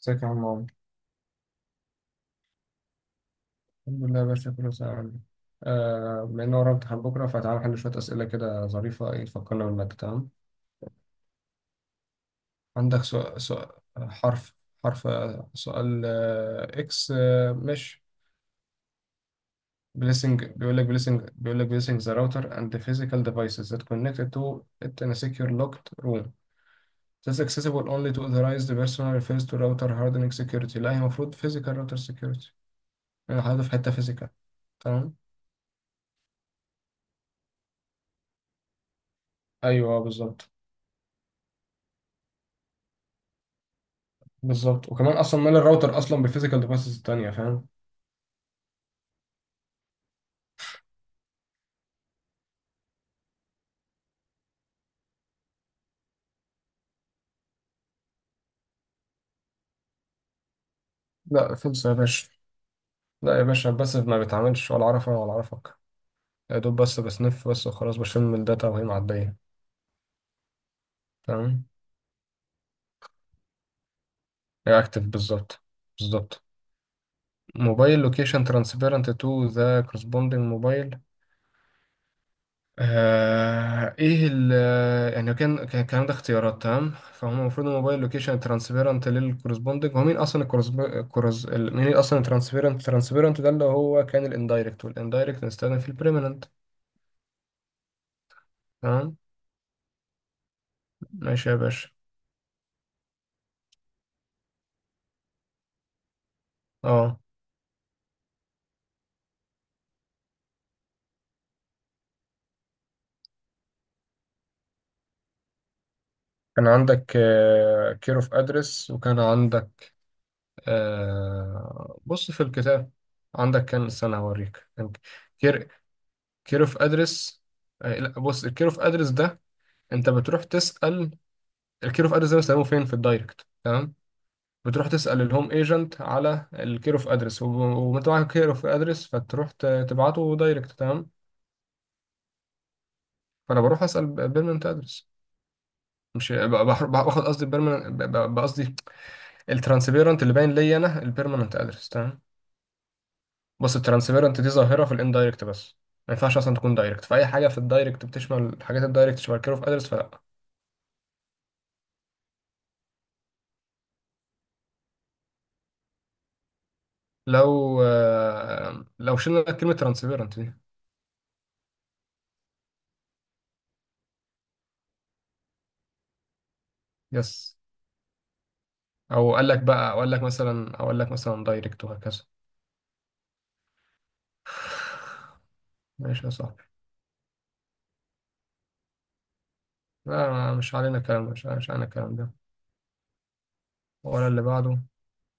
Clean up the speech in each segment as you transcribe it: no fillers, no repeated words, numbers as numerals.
ازيك يا عم عمرو؟ الحمد لله يا باشا كله تمام. بما ان ورانا امتحان بكره، فتعالى نحل شويه اسئله كده ظريفه ايه تفكرنا بالماده. تمام، عندك سؤال، حرف، حرف، سؤال اكس مش بليسنج. بيقول لك بليسنج ذا راوتر اند physical devices that connect to it in a secure locked room. This accessible only to authorized person refers to router hardening security. لا، هي المفروض physical router security. انا حاطط في حته physical. تمام. ايوه بالظبط. بالظبط، وكمان اصلا مال الراوتر اصلا بالفيزيكال ديفايسز التانية؟ فاهم. لا، خلص يا باشا. لا يا باشا، بس ما بيتعاملش ولا عرفه ولا عرفك. يا دوب بس بسنف بس وخلاص، بشم من الداتا وهي معدية. تمام، هي اكتف بالظبط، بالظبط. موبايل لوكيشن ترانسبيرنت تو ذا كورسبوندينج موبايل. ايه ال؟ يعني كان الكلام ده اختيارات. تمام فهم، المفروض الموبايل لوكيشن ترانسبيرنت للكورسبوندنج، هو مين اصلا الكورس، مين اصلا الترانسبيرنت؟ ترانسبيرنت ده اللي هو كان الاندايركت، والاندايركت نستخدم في البريمننت. تمام. ماشي يا باشا. اه، كان عندك كير اوف ادرس، وكان عندك، بص في الكتاب، عندك كان استنى هوريك كان، كير كير اوف ادرس. لا بص، الكير اوف ادرس ده، انت بتروح تسأل، الكير اوف ادرس ده بيستخدموه فين؟ في الدايركت. تمام، بتروح تسأل الهوم ايجنت على الكير اوف ادرس، وانت معاك كير اوف ادرس فتروح تبعته دايركت. تمام، فانا بروح اسأل بيرمننت ادرس، مش باخد قصدي البيرمننت، قصدي الترانسبيرنت اللي باين ليا انا البيرمننت ادرس. تمام، بص الترانسبيرنت دي ظاهرة في الاندايركت بس، ما ينفعش اصلا تكون دايركت، فاي حاجة في الدايركت بتشمل حاجات الدايركت شبه الكير اوف ادرس، فلا. لو لو شلنا كلمة ترانسبيرنت دي، يس. او قال لك بقى، اقول لك مثلا، اقول لك مثلا دايركت وهكذا. ماشي يا صاحبي. لا مش علينا الكلام ده، مش علينا الكلام ده. ولا اللي بعده،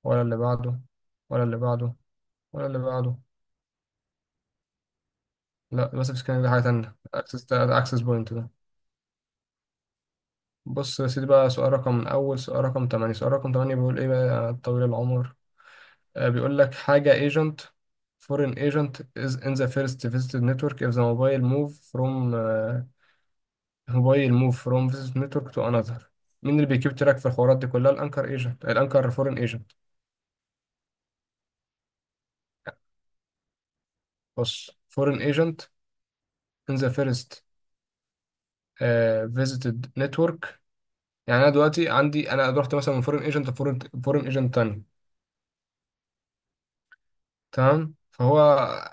ولا اللي بعده، ولا اللي بعده، ولا اللي بعده. لا بس سكان ده حاجة تانية، اكسس ده اكسس بوينت ده. بص يا سيدي بقى، سؤال رقم من اول، سؤال رقم 8، سؤال رقم 8 بيقول ايه بقى يا طويل العمر؟ بيقول لك حاجة ايجنت foreign agent is in the first visited network if the mobile move from موبايل موف فروم فيس نتورك تو انذر. مين اللي بيكيب تراك في الحوارات دي كلها؟ الانكر ايجنت، الانكر فورين ايجنت. بص، فورين ايجنت ان ذا فيرست فيزيتد نتورك، يعني انا دلوقتي عندي انا رحت مثلا من فورين ايجنت لفورين، فورين ايجنت تاني. تمام، فهو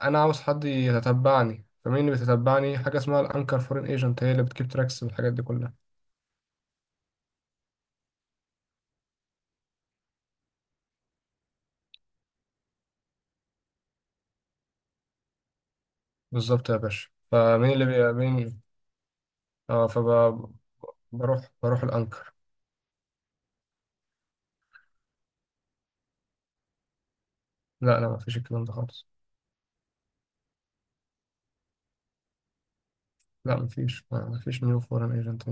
انا عاوز حد يتتبعني، فمين اللي بيتتبعني؟ حاجه اسمها الانكر فورين ايجنت، هي اللي بتكيب تراكس والحاجات دي كلها. بالظبط يا باشا، فمين اللي بي... مين؟ اه، فبروح بروح بروح الانكر. لا لا، مفيش الكلام ده خالص. لا، مفيش نيو فورين ايجنت.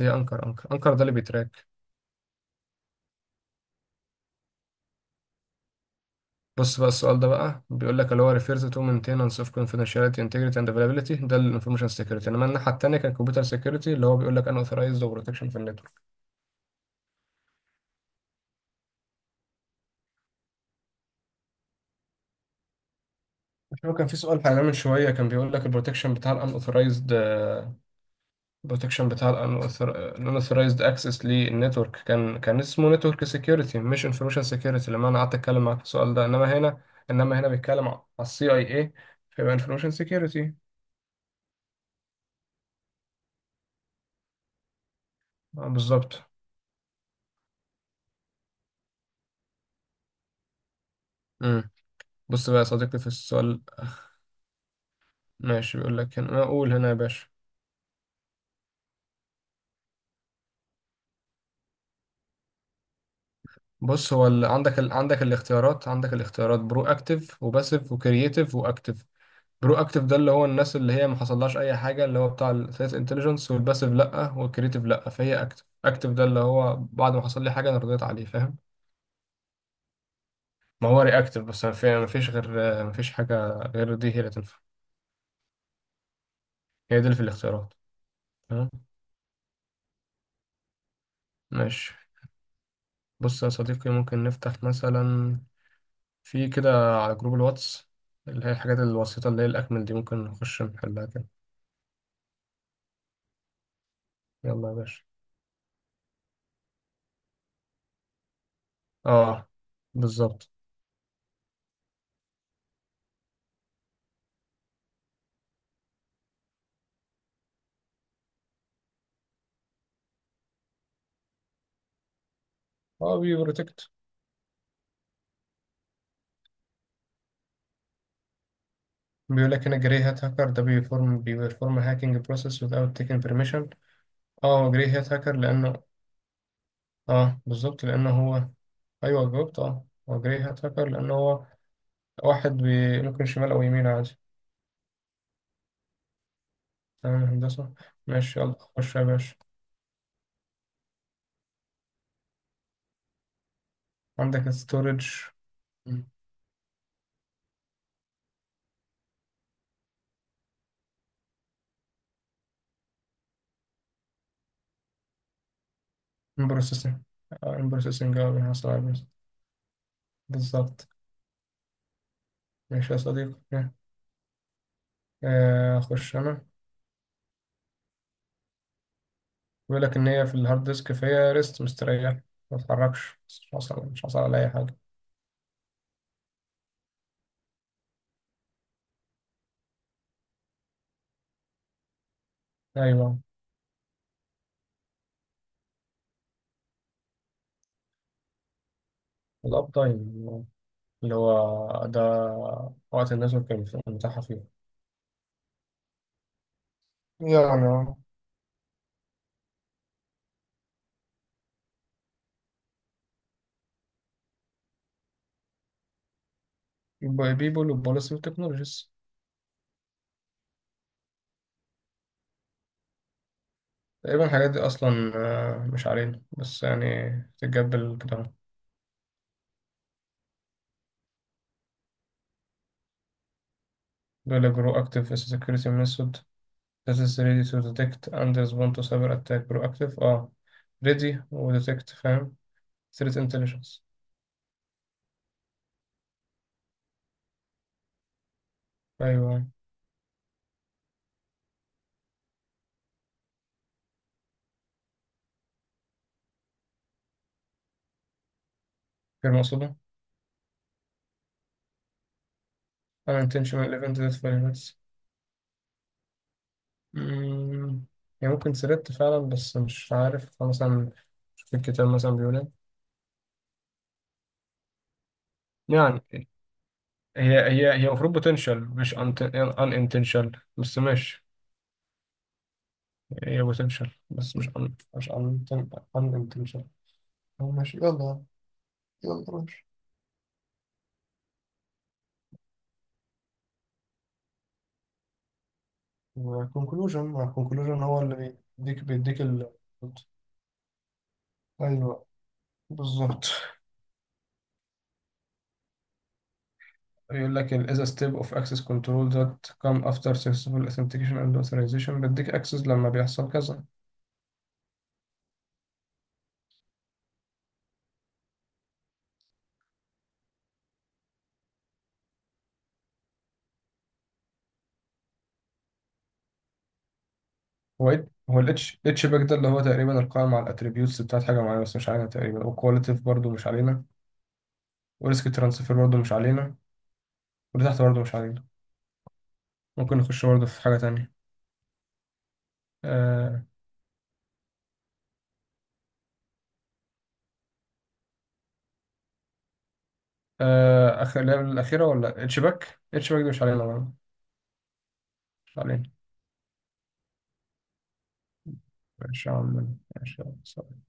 هي انكر، انكر ده اللي بيتراك. بص بقى، السؤال ده بقى بيقول لك اللي هو refers to maintenance of confidentiality integrity and availability، ده ال information security، انما الناحيه التانيه كان computer security اللي هو بيقول لك unauthorized و protection في النتورك. مش هو كان في سؤال حاليا من شويه كان بيقول لك البروتكشن بتاع ال unauthorized، البروتكشن بتاع الانثورايزد اكسس للنتورك، كان اسمه نتورك سيكيورتي مش انفورميشن سيكيورتي لما انا قعدت اتكلم معاك في السؤال ده. انما هنا، انما هنا بيتكلم على السي اي اي، فيبقى انفورميشن سيكيورتي. اه بالظبط. امم، بص بقى يا صديقي في السؤال. ماشي، بيقول لك هنا، اقول هنا يا باشا، بص هو عندك ال... عندك الاختيارات، عندك الاختيارات برو اكتيف وباسيف وكرييتيف واكتيف. برو اكتيف ده اللي هو الناس اللي هي ما حصلهاش اي حاجه، اللي هو بتاع الثلاث انتليجنس، والباسيف لا، والكريتيف لا، فهي اكتيف. اكتيف ده اللي هو بعد ما حصل لي حاجه انا رضيت عليه، فاهم. ما هو رياكتيف، بس ما فيش غير، ما فيش حاجه غير دي هي اللي تنفع، هي دي اللي في الاختيارات. تمام. ماشي، بص يا صديقي، ممكن نفتح مثلا في كده على جروب الواتس اللي هي الحاجات البسيطه، اللي هي الاكمل دي ممكن نخش نحلها كده. يلا يا باشا. اه بالظبط. اه بي بروتكت. بيقول لك هنا جري هات هاكر ده بيفورم هاكينج بروسيس without taking permission. اه هو جري هات هاكر لانه، اه بالظبط لانه هو، ايوه جاوبت، اه هو جري هات هاكر لانه هو واحد بي... ممكن شمال او يمين عادي. تمام يا هندسه. ماشي يلا خش يا باشا. عندك ستورج. بروسيسنج، بروسيسنج، اه بنحصل على processing. بالظبط. ماشي يا صديقي. اخش انا. بيقول لك ان هي في الهارد ديسك فيها ريست مستريح، ما تتحركش، مش حصل على اي حاجه. ايوه، الأب تايم اللي هو ده، وقت الناس كان متاحة فيه، يعني. اه، بيبول وبوليسي وتكنولوجيز. تقريبا الحاجات دي أصلا مش علينا، بس يعني تتقبل كده. دول جرو أكتيف as a security method that is ready to detect and respond to cyber attack. جرو أكتيف اه، ready و detect، فاهم، threat intelligence. أيوه، غير مقصودة. unintentional event that violates. مم، يعني ممكن سردت فعلا، بس مش عارف مثلا في الكتاب مثلا بيقول ايه، يعني. هي المفروض بوتنشال مش ان انتنشال، بس ماشي. هي بوتنشال بس مش ان انتنشال. ماشي يلا، يلا ماشي. والكونكلوجن، الكونكلوجن هو اللي بيديك ال، ايوه بالظبط. يقول لك ال is a step of access control that come after successful authentication and authorization، بديك access لما بيحصل كذا. هو هو الاتش اتش باك ده اللي هو تقريبا القائم على الاتريبيوتس بتاعت حاجه معينه، بس مش علينا تقريبا. وكواليتيف برضه مش علينا، وريسك ترانسفير برضه مش علينا، واللي تحت برضه مش علينا. ممكن نخش برضه في حاجه تانية. آه. آه اخر اللعبه الاخيره، ولا اتش باك، اتش باك دي مش علينا برضه، مش علينا. ماشي يا عم، ماشي يا عم.